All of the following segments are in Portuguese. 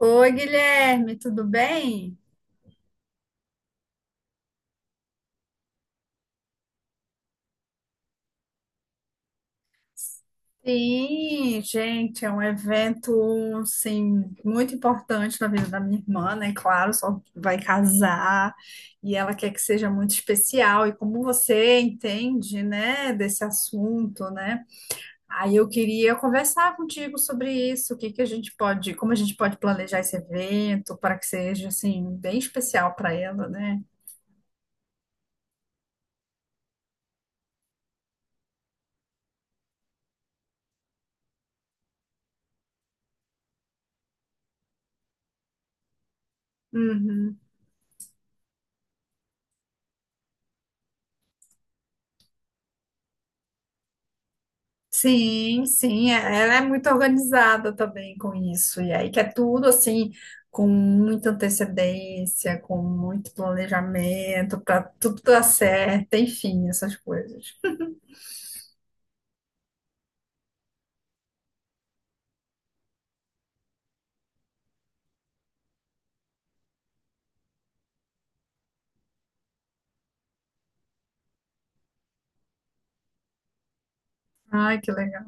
Oi, Guilherme, tudo bem? Sim, gente, é um evento, assim, muito importante na vida da minha irmã, né? Claro, só vai casar e ela quer que seja muito especial. E como você entende, né, desse assunto, né? Aí eu queria conversar contigo sobre isso, o que que a gente pode, como a gente pode planejar esse evento para que seja, assim, bem especial para ela, né? Uhum. Sim, sim, é- Ela é muito organizada também com isso. E aí que é tudo assim, com muita antecedência, com muito planejamento, para tudo dar certo, enfim, essas coisas. Ai, que legal.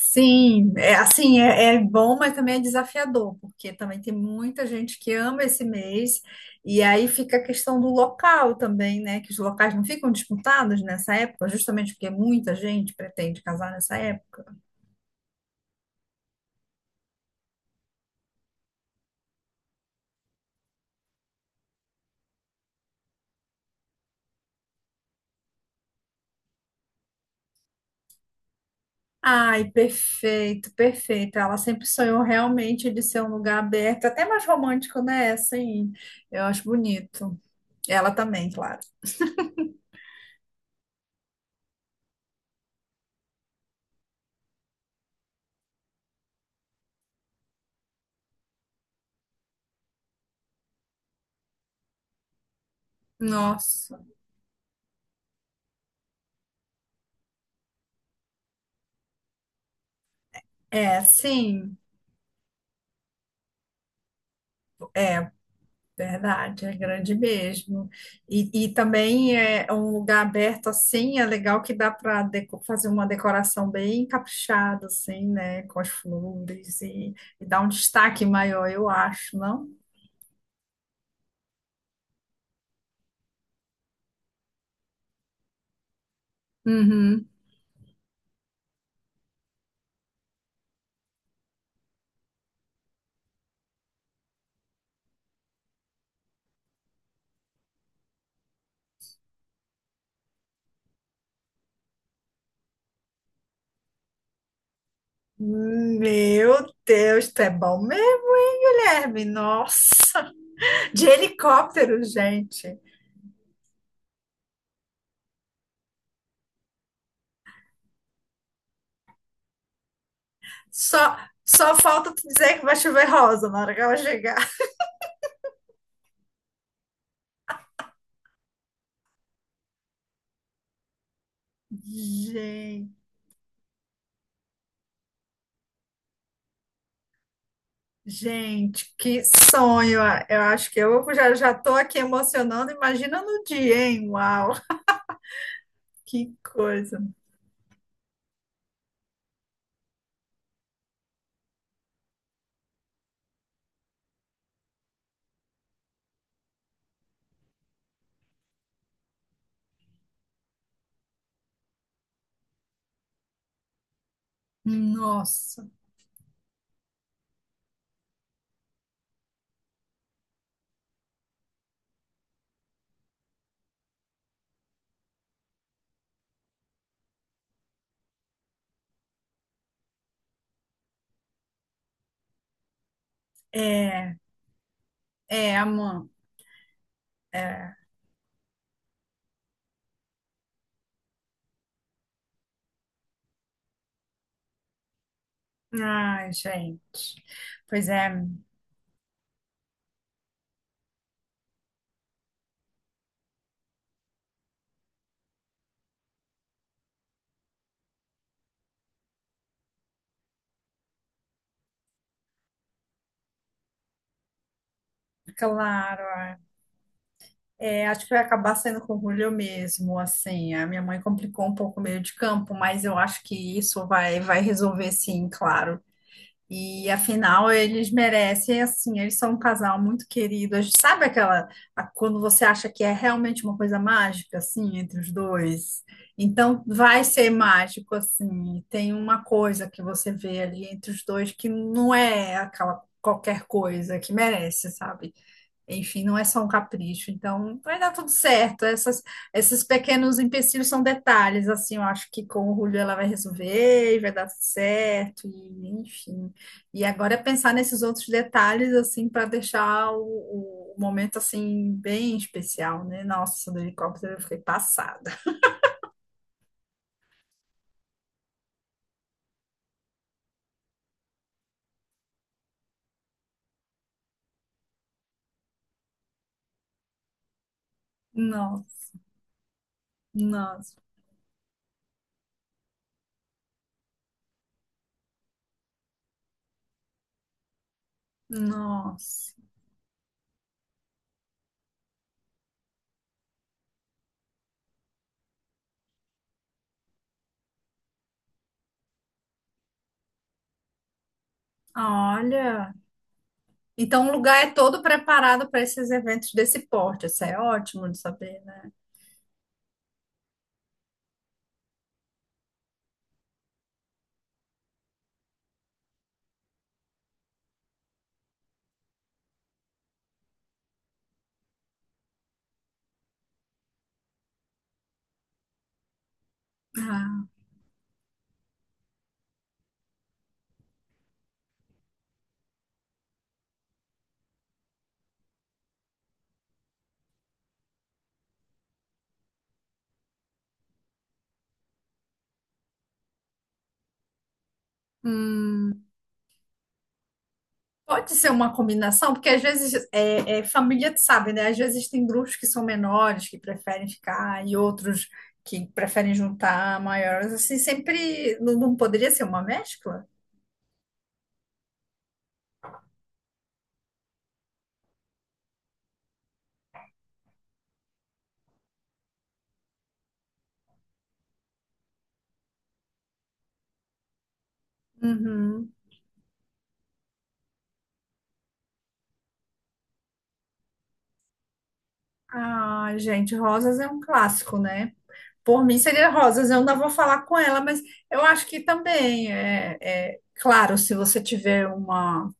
Sim, é assim, é bom, mas também é desafiador, porque também tem muita gente que ama esse mês, e aí fica a questão do local também, né? Que os locais não ficam disputados nessa época, justamente porque muita gente pretende casar nessa época. Ai, perfeito, perfeito. Ela sempre sonhou realmente de ser um lugar aberto, até mais romântico, né? Assim, eu acho bonito. Ela também, claro. Nossa. É, sim, verdade, é grande mesmo. E também é um lugar aberto assim, é legal que dá para fazer uma decoração bem caprichada, assim, né? Com as flores e dar um destaque maior, eu acho, não? Uhum. Meu Deus, tu é bom mesmo, hein, Guilherme? Nossa, de helicóptero, gente. Só, só falta tu dizer que vai chover rosa na hora que ela chegar. Gente, gente, que sonho! Eu acho que eu já já tô aqui emocionando. Imagina no dia, hein? Uau, que coisa! Nossa, é, é, amor. É. Ai, gente. Pois é, claro. É, acho que vai acabar saindo com o Julio mesmo, assim, a minha mãe complicou um pouco o meio de campo, mas eu acho que isso vai resolver sim, claro. E afinal, eles merecem, assim, eles são um casal muito querido. A gente... Sabe aquela, a- quando você acha que é realmente uma coisa mágica, assim, entre os dois? Então, vai ser mágico, assim, tem uma coisa que você vê ali entre os dois que não é aquela qualquer coisa que merece, sabe? Enfim, não é só um capricho. Então, vai dar tudo certo. Esses pequenos empecilhos são detalhes, assim, eu acho que com o Julio ela vai resolver e vai dar tudo certo, e, enfim. E agora é pensar nesses outros detalhes, assim, para deixar o momento, assim, bem especial, né? Nossa, do helicóptero eu fiquei passada. Nossa, nossa, nossa. Olha, então o lugar é todo preparado para esses eventos desse porte. Isso é ótimo de saber, né? Hum, pode ser uma combinação, porque às vezes é família, tu sabe, né? Às vezes tem grupos que são menores, que preferem ficar, e outros que preferem juntar maiores. Assim, sempre não, não poderia ser uma mescla? Uhum. Ah, gente, rosas é um clássico, né? Por mim seria rosas, eu ainda vou falar com ela, mas eu acho que também é claro, se você tiver uma,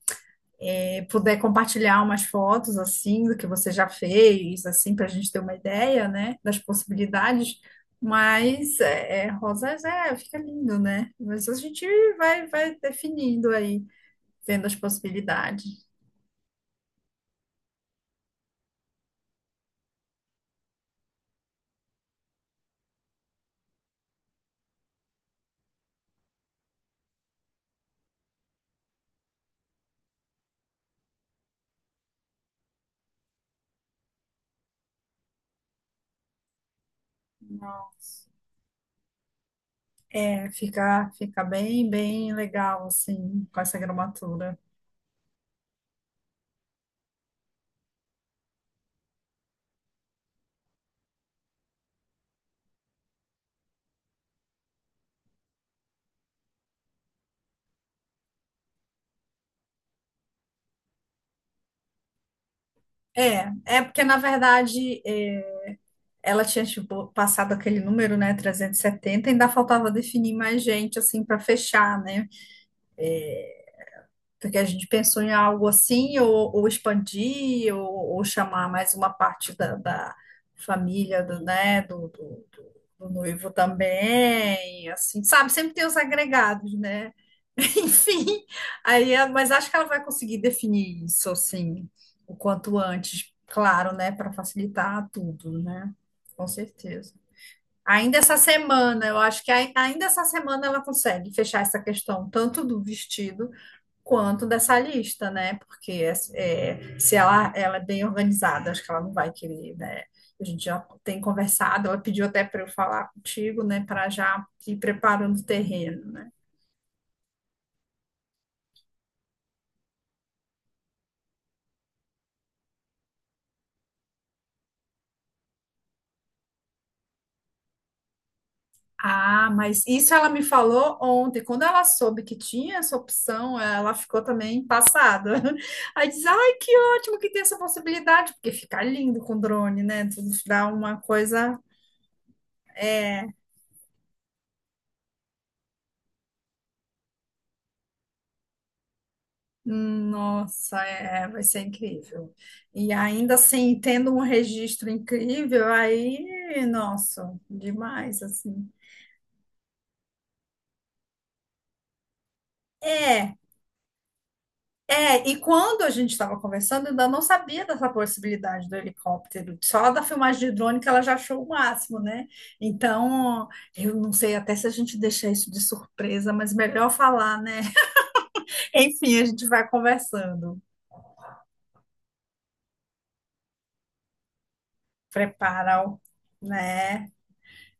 puder compartilhar umas fotos assim do que você já fez, assim, para a gente ter uma ideia, né, das possibilidades. Mas rosas é, fica lindo, né? Mas a gente vai definindo aí, vendo as possibilidades. Nossa. É, fica bem, bem legal assim com essa gramatura. É, é porque na verdade é, ela tinha tipo, passado aquele número, né, 370 ainda faltava definir mais gente assim para fechar, né? Porque a gente pensou em algo assim, ou expandir, ou chamar mais uma parte da família do, né, do, do, do- do noivo também, assim, sabe? Sempre tem os agregados, né? Enfim, mas acho que ela vai conseguir definir isso, assim, o quanto antes, claro, né, para facilitar tudo, né? Com certeza. Ainda essa semana, eu acho que ainda essa semana ela consegue fechar essa questão, tanto do vestido quanto dessa lista, né? Porque é, se ela, ela é bem organizada, acho que ela não vai querer, né? A gente já tem conversado, ela pediu até para eu falar contigo, né? Para já ir preparando o terreno, né? Ah, mas isso ela me falou ontem. Quando ela soube que tinha essa opção, ela ficou também passada. Aí diz: Ai, que ótimo que tem essa possibilidade, porque fica lindo com drone, né? Tudo dá uma coisa. Nossa, é, vai ser incrível. E ainda assim, tendo um registro incrível, aí, nossa, demais, assim. É, e quando a gente estava conversando, eu ainda não sabia dessa possibilidade do helicóptero. Só da filmagem de drone que ela já achou o máximo, né? Então, eu não sei até se a gente deixa isso de surpresa, mas melhor falar, né? Enfim, a gente vai conversando. Prepara, o- né?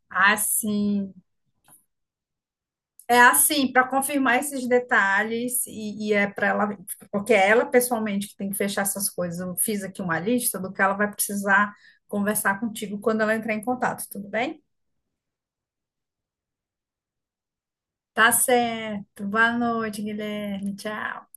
Assim. É assim, para confirmar esses detalhes, e é para ela, porque é ela pessoalmente que tem que fechar essas coisas. Eu fiz aqui uma lista do que ela vai precisar conversar contigo quando ela entrar em contato, tudo bem? Tá certo. Boa noite, Guilherme. Tchau.